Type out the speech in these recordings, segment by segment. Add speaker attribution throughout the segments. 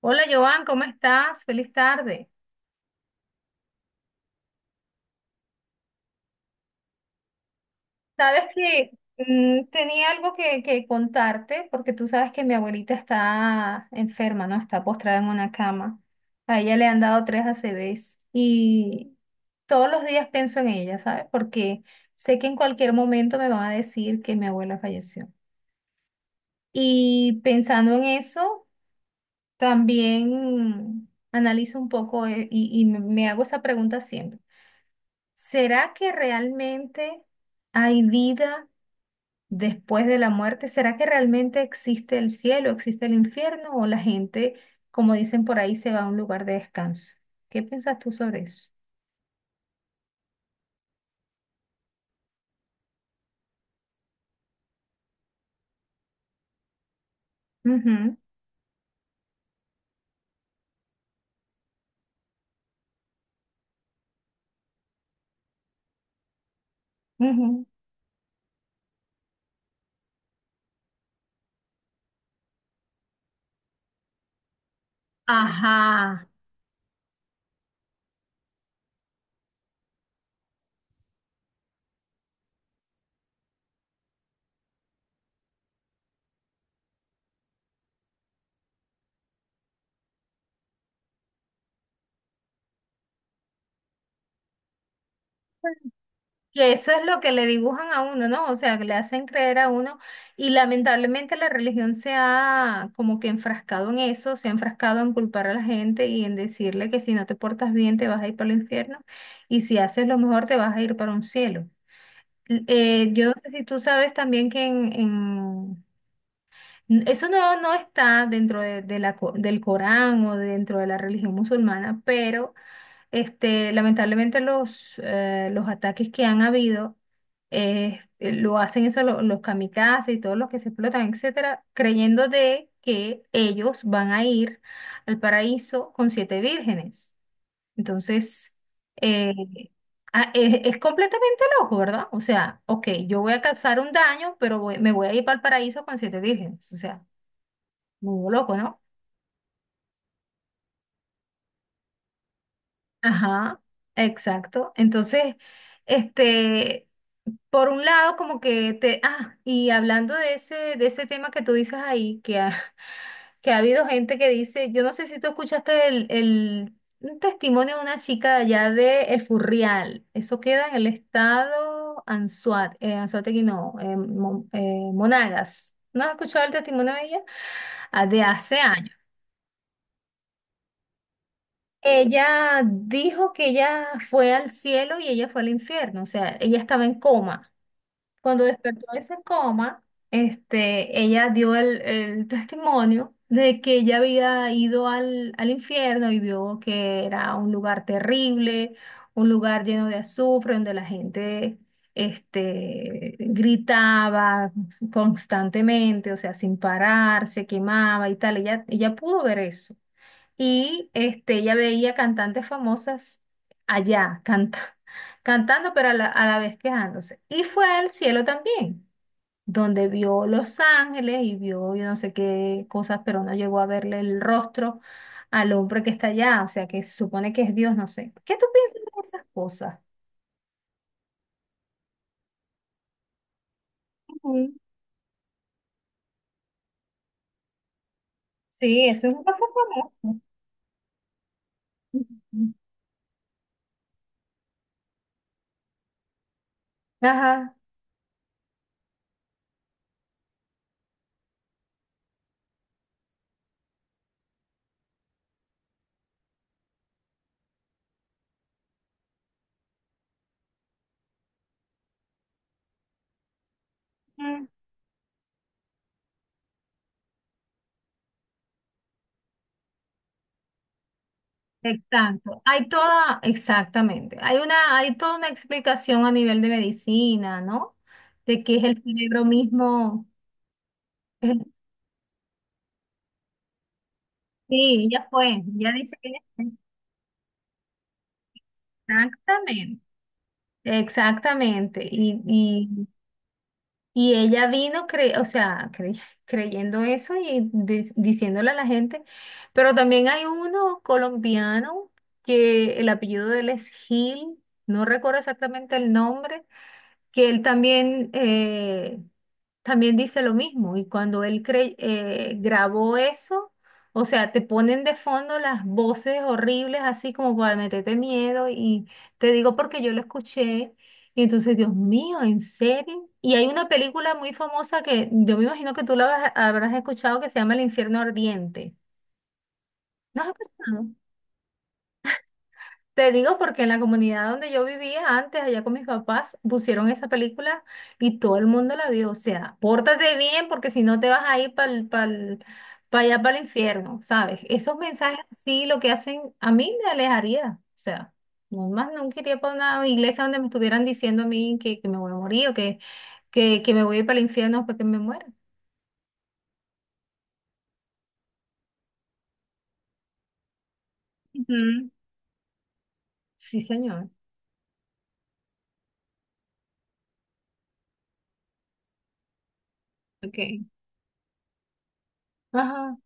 Speaker 1: Hola Joan, ¿cómo estás? Feliz tarde. Sabes que tenía algo que contarte porque tú sabes que mi abuelita está enferma, ¿no? Está postrada en una cama. A ella le han dado tres A C ACVs y todos los días pienso en ella, ¿sabes? Porque sé que en cualquier momento me van a decir que mi abuela falleció. Y pensando en eso, también analizo un poco, y me hago esa pregunta siempre. ¿Será que realmente hay vida después de la muerte? ¿Será que realmente existe el cielo, existe el infierno o la gente, como dicen por ahí, se va a un lugar de descanso? ¿Qué piensas tú sobre eso? Ujú, ujú. Ajá, que Eso es lo que le dibujan a uno, ¿no? O sea, que le hacen creer a uno. Y lamentablemente la religión se ha como que enfrascado en eso, se ha enfrascado en culpar a la gente y en decirle que si no te portas bien te vas a ir para el infierno, y si haces lo mejor te vas a ir para un cielo. Yo no sé si tú sabes también que eso no está dentro del Corán o dentro de la religión musulmana, pero... lamentablemente los ataques que han habido, lo hacen eso, los kamikazes y todos los que se explotan, etcétera, creyendo de que ellos van a ir al paraíso con siete vírgenes. Entonces, eh, es completamente loco, ¿verdad? O sea, ok, yo voy a causar un daño, pero me voy a ir para el paraíso con siete vírgenes. O sea, muy loco, ¿no? Ajá, exacto. Entonces, este... Por un lado, como que te... Ah, y hablando de ese tema que tú dices ahí, que ha habido gente que dice, yo no sé si tú escuchaste el un testimonio de una chica de allá de El Furrial. Eso queda en el estado Anzuat, Anzoátegui no, Monagas. ¿No has escuchado el testimonio de ella? Ah, de hace años. Ella dijo que ella fue al cielo y ella fue al infierno, o sea, ella estaba en coma. Cuando despertó de ese coma, ella dio el testimonio de que ella había ido al, al infierno y vio que era un lugar terrible, un lugar lleno de azufre, donde la gente, gritaba constantemente, o sea, sin parar, se quemaba y tal. Ella pudo ver eso, y ella veía cantantes famosas allá cantando, pero a la vez quejándose. Y fue al cielo también, donde vio Los Ángeles y vio yo no sé qué cosas, pero no llegó a verle el rostro al hombre que está allá, o sea, que se supone que es Dios, no sé. ¿Qué tú piensas de esas cosas? Ujú. Sí, eso es un caso famoso. Ujú. Ajá. Exacto, hay toda, exactamente, hay una, hay toda una explicación a nivel de medicina, ¿no? De que es el cerebro mismo, es el- sí, ya fue, ya dice que exactamente, exactamente, y ella vino, o sea, creyendo eso y diciéndole a la gente, pero también hay uno colombiano que el apellido de él es Gil. No recuerdo exactamente el nombre, que él también dice lo mismo. Y cuando él grabó eso, o sea, te ponen de fondo las voces horribles, así como para meterte miedo. Y te digo porque yo lo escuché. Y entonces, Dios mío, ¿en serio? Y hay una película muy famosa que yo me imagino que tú la habrás escuchado, que se llama El Infierno Ardiente. ¿No has escuchado? Te digo porque en la comunidad donde yo vivía antes, allá con mis papás, pusieron esa película y todo el mundo la vio. O sea, pórtate bien porque si no te vas a ir para allá, para el infierno, ¿sabes? Esos mensajes sí, lo que hacen a mí, me alejaría. O sea, no más nunca iría para una iglesia donde me estuvieran diciendo a mí que me voy a morir, o que me voy a ir para el infierno porque me muera. Ujú. Sí, señor. Okay. Ajá.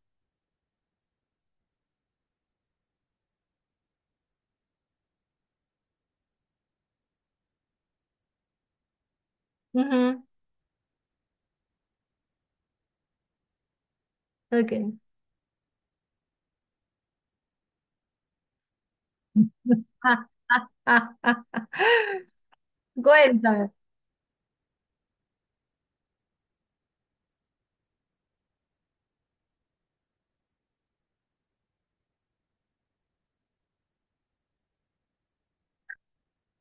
Speaker 1: Ujú. Ok. Cuéntame.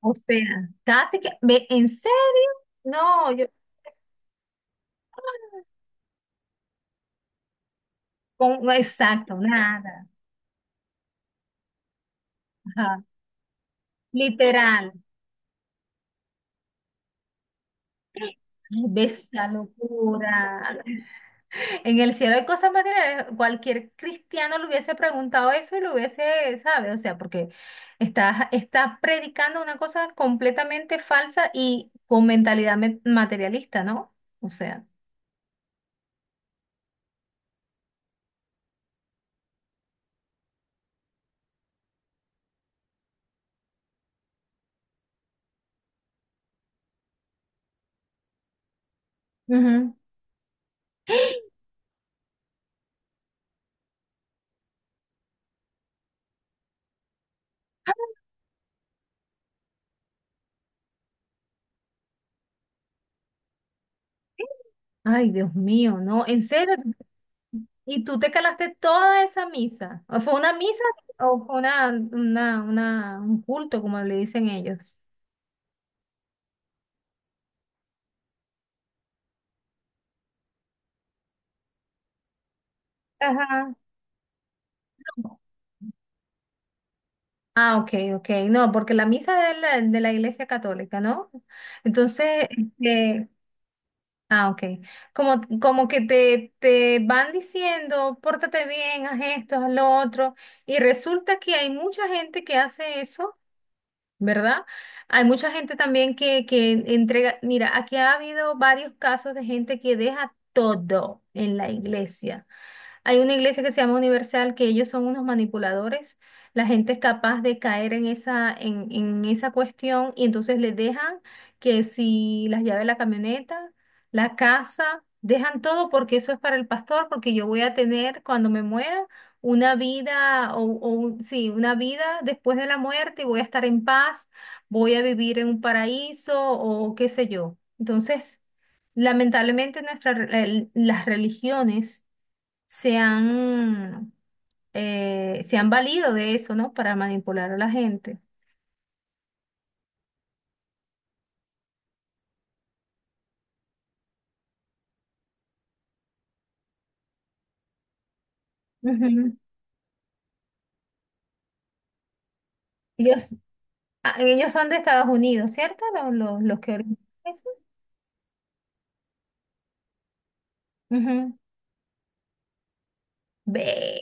Speaker 1: O sea, casi que, ve, ¿en serio? No, exacto, nada. Ajá. Literal. Ay, ¿ves la locura? En el cielo hay cosas materiales. Cualquier cristiano le hubiese preguntado eso y lo hubiese, ¿sabe? O sea, porque está predicando una cosa completamente falsa y con mentalidad materialista, ¿no? O sea. Ujú. Ay, Dios mío, no, en serio, ¿y tú te calaste toda esa misa? ¿O fue una misa o fue un culto, como le dicen ellos? Ajá. Ah, ok, ok. No, porque la misa es de la Iglesia Católica, ¿no? Entonces, ok. Como, como que te van diciendo, pórtate bien, haz esto, haz lo otro. Y resulta que hay mucha gente que hace eso, ¿verdad? Hay mucha gente también que, entrega, mira, aquí ha habido varios casos de gente que deja todo en la iglesia. Hay una iglesia que se llama Universal, que ellos son unos manipuladores. La gente es capaz de caer en esa cuestión, y entonces les dejan que si las llaves de la camioneta, la casa, dejan todo porque eso es para el pastor, porque yo voy a tener, cuando me muera, una vida sí, una vida después de la muerte, y voy a estar en paz, voy a vivir en un paraíso o qué sé yo. Entonces, lamentablemente nuestras las religiones se han, se han valido de eso, ¿no? Para manipular a la gente. Ujú. Ellos, ellos son de Estados Unidos, ¿cierto? Los que organizan eso. Ujú. Ve.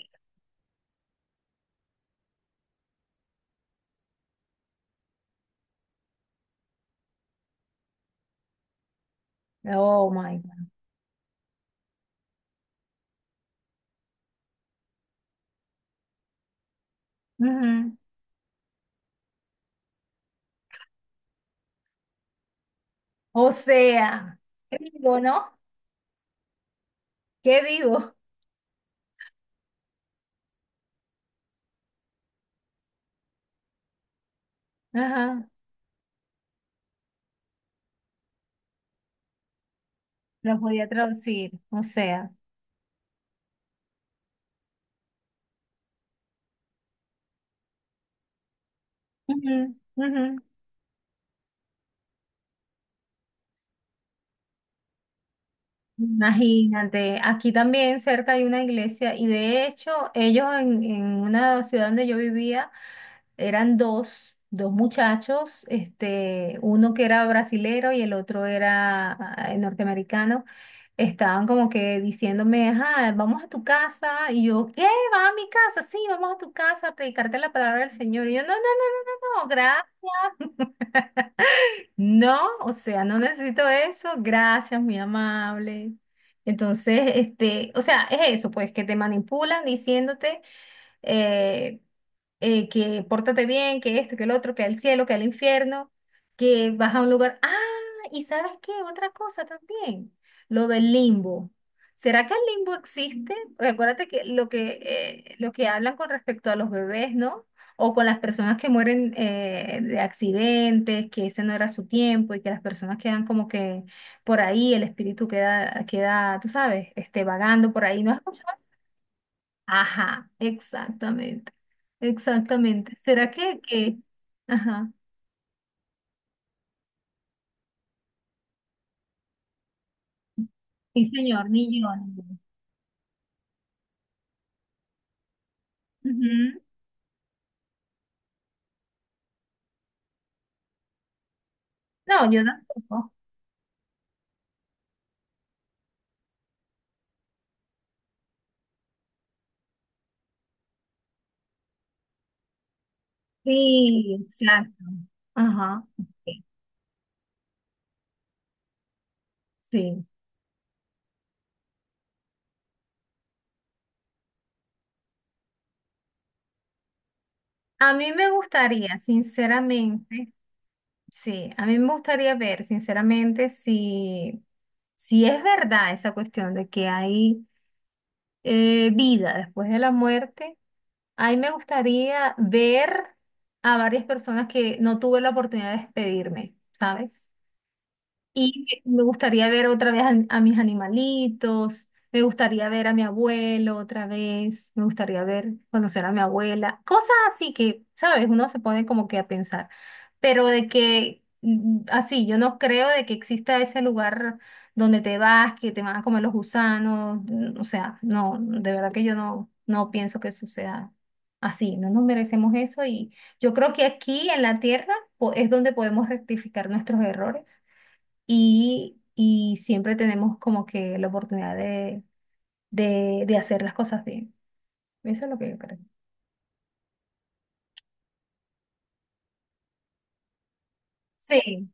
Speaker 1: Oh my God. Ujú. O sea, qué vivo, ¿no? Qué vivo. Ajá. Los podía traducir. O sea. Ujú, ujú. Imagínate, aquí también cerca hay una iglesia, y de hecho ellos, en una ciudad donde yo vivía, eran dos muchachos, uno que era brasilero y el otro era norteamericano. Estaban como que diciéndome, ajá, vamos a tu casa. Y yo, ¿qué? ¿Vas a mi casa? Sí, vamos a tu casa a predicarte la palabra del Señor. Y yo, no, no, no, no, gracias. No, o sea, no necesito eso. Gracias, muy amable. Entonces, o sea, es eso, pues, que te manipulan diciéndote, eh, que pórtate bien, que esto, que el otro, que el cielo, que el infierno, que vas a un lugar. Ah, ¿y sabes qué? Otra cosa también, lo del limbo. ¿Será que el limbo existe? Porque acuérdate que lo que hablan con respecto a los bebés, ¿no? O con las personas que mueren, de accidentes, que ese no era su tiempo, y que las personas quedan como que por ahí, el espíritu queda, queda, tú sabes, vagando por ahí. ¿No has escuchado? Ajá, exactamente, exactamente. ¿Será ajá, sí señor, ni yo. Ni yo. Ujú. No, yo tampoco. Sí, exacto. Ajá, ok, sí. A mí me gustaría, sinceramente, sí, a mí me gustaría ver, sinceramente, si es verdad esa cuestión de que hay, vida después de la muerte. A mí me gustaría ver a varias personas que no tuve la oportunidad de despedirme, ¿sabes? Y me gustaría ver otra vez a, mis animalitos, me gustaría ver a mi abuelo otra vez, me gustaría ver, conocer a mi abuela, cosas así que, ¿sabes? Uno se pone como que a pensar, pero de que así, yo no creo de que exista ese lugar donde te vas, que te van a comer los gusanos. O sea, no, de verdad que yo no pienso que eso sea así. No nos merecemos eso, y yo creo que aquí en la tierra es donde podemos rectificar nuestros errores, y, siempre tenemos como que la oportunidad de hacer las cosas bien. Eso es lo que yo creo. Sí,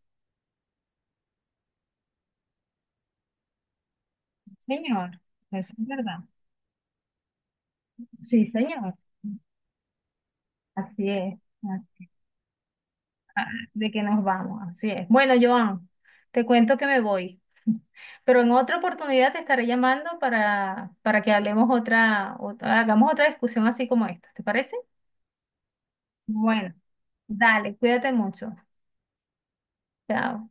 Speaker 1: señor, eso es verdad. Sí, señor. Así es. Así es. Ah, de que nos vamos, así es. Bueno, Joan, te cuento que me voy, pero en otra oportunidad te estaré llamando para que hablemos hagamos otra discusión así como esta. ¿Te parece? Bueno, dale, cuídate mucho. Chao.